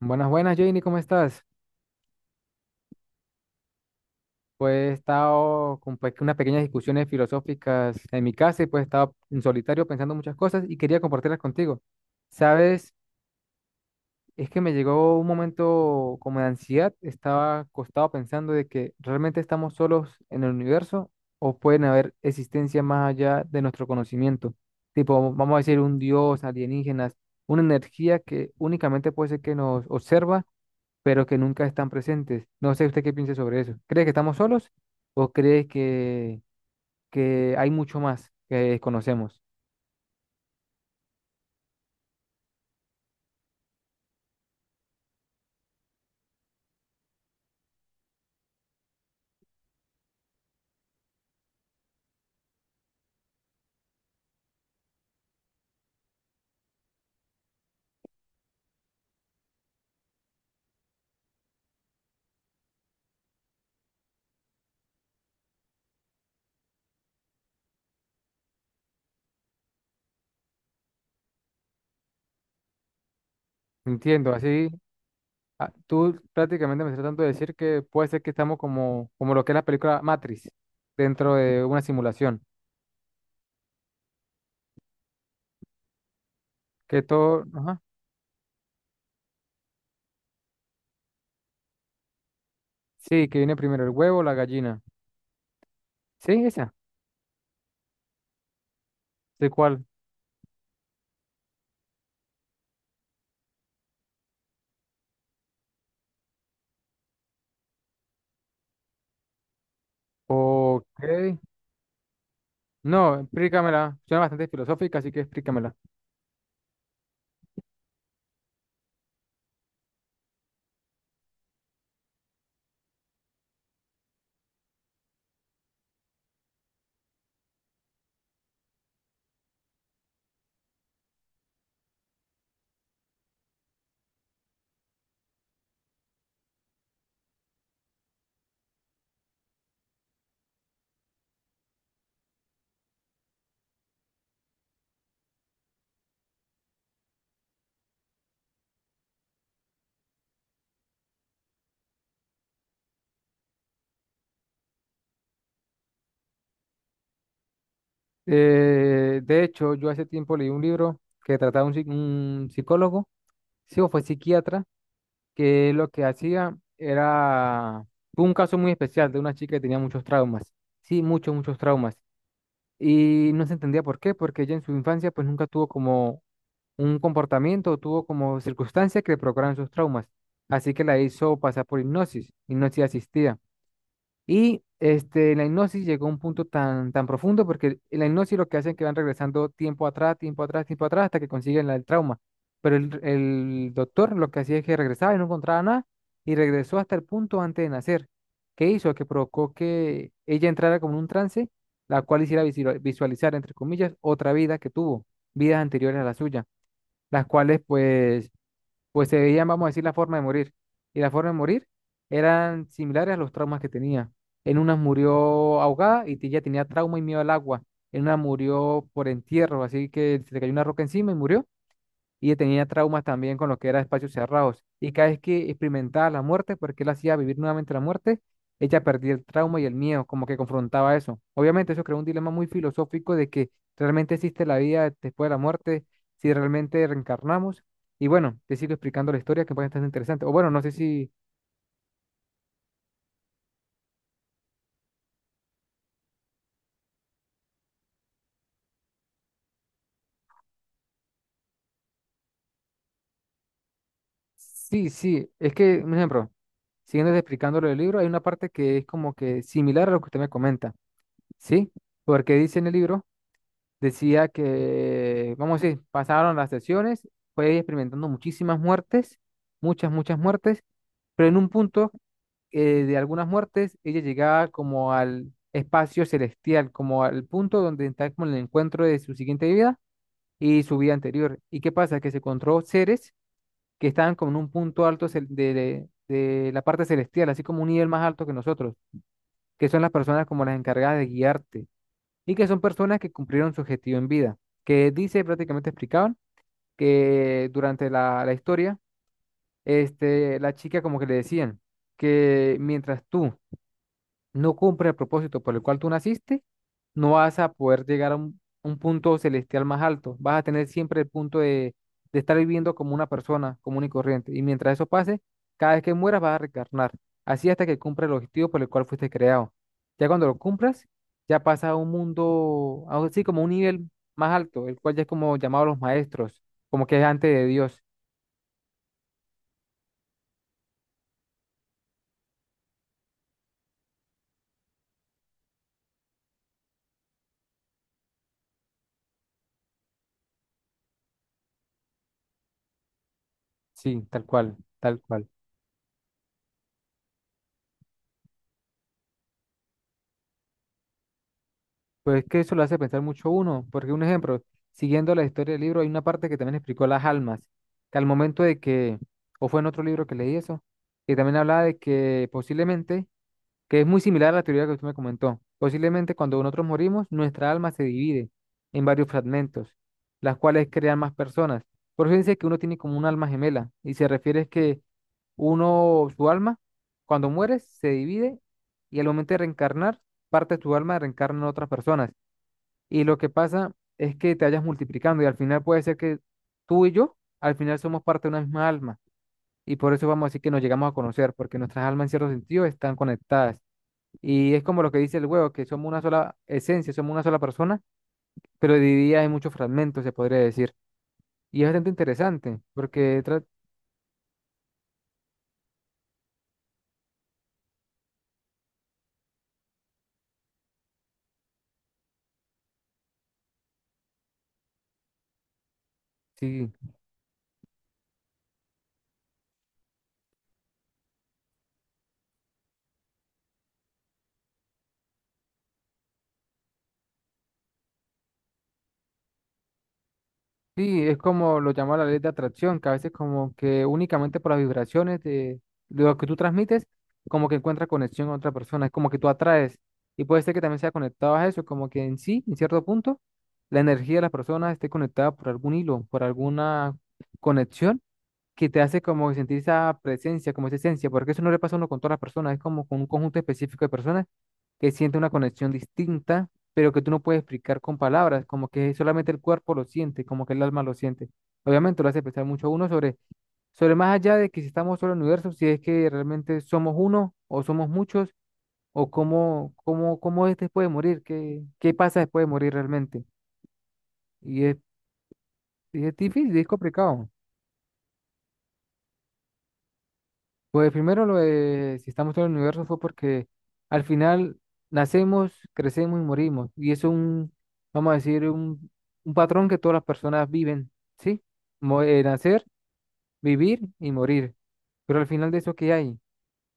Buenas, buenas, Janie, ¿cómo estás? Pues he estado con unas pequeñas discusiones filosóficas en mi casa y pues he estado en solitario pensando muchas cosas y quería compartirlas contigo. Sabes, es que me llegó un momento como de ansiedad, estaba acostado pensando de que realmente estamos solos en el universo o pueden haber existencias más allá de nuestro conocimiento, tipo, vamos a decir, un dios, alienígenas, una energía que únicamente puede ser que nos observa pero que nunca están presentes. No sé usted qué piensa sobre eso. ¿Cree que estamos solos o cree que hay mucho más que desconocemos? Entiendo, así tú prácticamente me estás tratando de decir que puede ser que estamos como, como lo que es la película Matrix, dentro de una simulación, que todo, ajá, sí, que viene primero el huevo o la gallina. Sí, esa, sé cuál. Ok, no, explícamela, suena bastante filosófica, así que explícamela. De hecho, yo hace tiempo leí un libro que trataba un, un psicólogo, sí, o fue psiquiatra, que lo que hacía era fue un caso muy especial de una chica que tenía muchos traumas, sí, muchos, muchos traumas. Y no se entendía por qué, porque ella en su infancia pues nunca tuvo como un comportamiento, tuvo como circunstancias que le provocaran sus traumas. Así que la hizo pasar por hipnosis, hipnosis asistida. Y este, la hipnosis llegó a un punto tan, tan profundo porque en la hipnosis lo que hacen es que van regresando tiempo atrás, tiempo atrás, tiempo atrás hasta que consiguen el trauma. Pero el doctor lo que hacía es que regresaba y no encontraba nada y regresó hasta el punto antes de nacer. ¿Qué hizo? Que provocó que ella entrara como en un trance, la cual hiciera visualizar, entre comillas, otra vida que tuvo, vidas anteriores a la suya, las cuales pues pues se veían, vamos a decir, la forma de morir. Y la forma de morir eran similares a los traumas que tenía. En una murió ahogada y ya tenía trauma y miedo al agua. En una murió por entierro, así que se le cayó una roca encima y murió y tenía traumas también con lo que era espacios cerrados. Y cada vez que experimentaba la muerte, porque él hacía vivir nuevamente la muerte, ella perdía el trauma y el miedo, como que confrontaba eso. Obviamente eso creó un dilema muy filosófico de que realmente existe la vida después de la muerte, si realmente reencarnamos. Y bueno, te sigo explicando la historia que puede estar interesante. O bueno, no sé si... Sí, sí, es que, un ejemplo, siguiendo explicando lo del libro, hay una parte que es como que similar a lo que usted me comenta, ¿sí? Porque dice en el libro decía que, vamos a decir, pasaron las sesiones, fue experimentando muchísimas muertes, muchas, muchas muertes, pero en un punto de algunas muertes ella llegaba como al espacio celestial, como al punto donde está como el encuentro de su siguiente vida y su vida anterior. ¿Y qué pasa? Que se encontró seres que estaban como en un punto alto de la parte celestial, así como un nivel más alto que nosotros, que son las personas como las encargadas de guiarte y que son personas que cumplieron su objetivo en vida, que dice, prácticamente explicaban, que durante la historia, este, la chica como que le decían que mientras tú no cumple el propósito por el cual tú naciste, no vas a poder llegar a un punto celestial más alto. Vas a tener siempre el punto de estar viviendo como una persona común y corriente. Y mientras eso pase, cada vez que mueras vas a reencarnar. Así hasta que cumpla el objetivo por el cual fuiste creado. Ya cuando lo cumplas, ya pasa a un mundo, algo así como un nivel más alto, el cual ya es como llamado los maestros, como que es antes de Dios. Sí, tal cual, tal cual. Pues que eso lo hace pensar mucho uno, porque un ejemplo, siguiendo la historia del libro, hay una parte que también explicó las almas, que al momento de que, o fue en otro libro que leí eso, que también hablaba de que posiblemente, que es muy similar a la teoría que usted me comentó, posiblemente cuando nosotros morimos, nuestra alma se divide en varios fragmentos, las cuales crean más personas. Por eso dice que uno tiene como un alma gemela, y se refiere es que uno, su alma, cuando muere, se divide y al momento de reencarnar, parte de tu alma reencarna en otras personas. Y lo que pasa es que te vayas multiplicando y al final puede ser que tú y yo, al final somos parte de una misma alma. Y por eso vamos a decir que nos llegamos a conocer, porque nuestras almas en cierto sentido están conectadas. Y es como lo que dice el huevo, que somos una sola esencia, somos una sola persona, pero dividida en muchos fragmentos, se podría decir. Y es bastante interesante, porque sí. Sí, es como lo llama la ley de atracción, que a veces como que únicamente por las vibraciones de lo que tú transmites, como que encuentras conexión con otra persona, es como que tú atraes. Y puede ser que también sea conectado a eso, como que en sí, en cierto punto, la energía de las personas esté conectada por algún hilo, por alguna conexión que te hace como sentir esa presencia, como esa esencia, porque eso no le pasa a uno con todas las personas, es como con un conjunto específico de personas que siente una conexión distinta, pero que tú no puedes explicar con palabras, como que solamente el cuerpo lo siente, como que el alma lo siente. Obviamente lo hace pensar mucho a uno sobre, sobre más allá de que si estamos solo en el universo, si es que realmente somos uno o somos muchos, o cómo, cómo, cómo es después de morir, qué, qué pasa después de morir realmente. Y es, y es difícil, es complicado. Pues primero lo de si estamos en el universo fue porque al final nacemos, crecemos y morimos. Y eso es un, vamos a decir, un patrón que todas las personas viven, ¿sí? Nacer, vivir y morir. Pero al final de eso, ¿qué hay?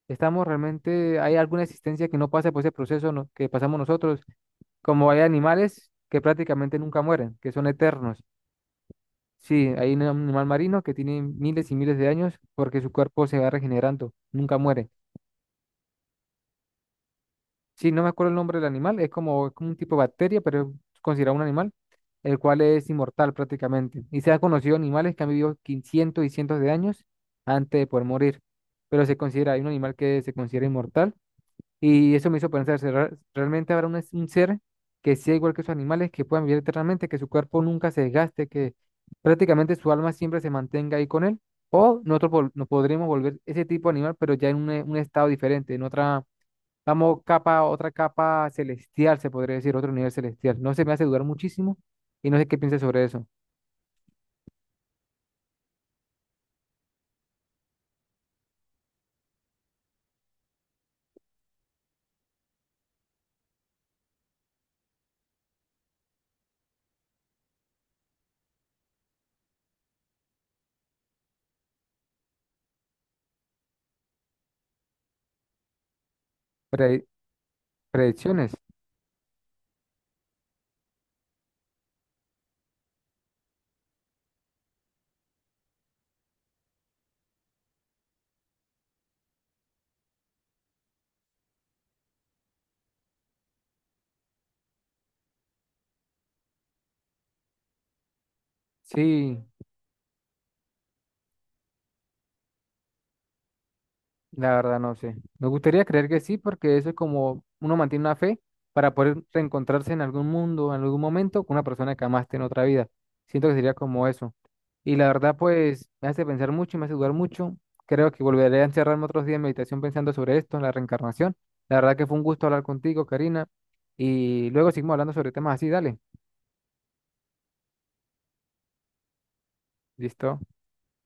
¿Estamos realmente, hay alguna existencia que no pasa por ese proceso que pasamos nosotros? Como hay animales que prácticamente nunca mueren, que son eternos. Sí, hay un animal marino que tiene miles y miles de años porque su cuerpo se va regenerando, nunca muere. Sí, no me acuerdo el nombre del animal, es como un tipo de bacteria, pero es considerado un animal, el cual es inmortal prácticamente. Y se han conocido animales que han vivido cientos y cientos de años antes de poder morir, pero se considera, hay un animal que se considera inmortal. Y eso me hizo pensar, ¿realmente habrá un, un ser que sea igual que esos animales, que puedan vivir eternamente, que su cuerpo nunca se desgaste, que prácticamente su alma siempre se mantenga ahí con él? O nosotros nos podremos volver ese tipo de animal, pero ya en un, un estado diferente, en otra Vamos, capa, otra capa celestial, se podría decir, otro nivel celestial. No se me hace dudar muchísimo y no sé qué piensas sobre eso. Pre- Predicciones. Sí. La verdad no sé. Me gustaría creer que sí, porque eso es como uno mantiene una fe para poder reencontrarse en algún mundo, en algún momento, con una persona que amaste en otra vida. Siento que sería como eso. Y la verdad, pues, me hace pensar mucho y me hace dudar mucho. Creo que volveré a encerrarme otros días en meditación pensando sobre esto, en la reencarnación. La verdad que fue un gusto hablar contigo, Karina. Y luego seguimos hablando sobre temas así, dale. ¿Listo?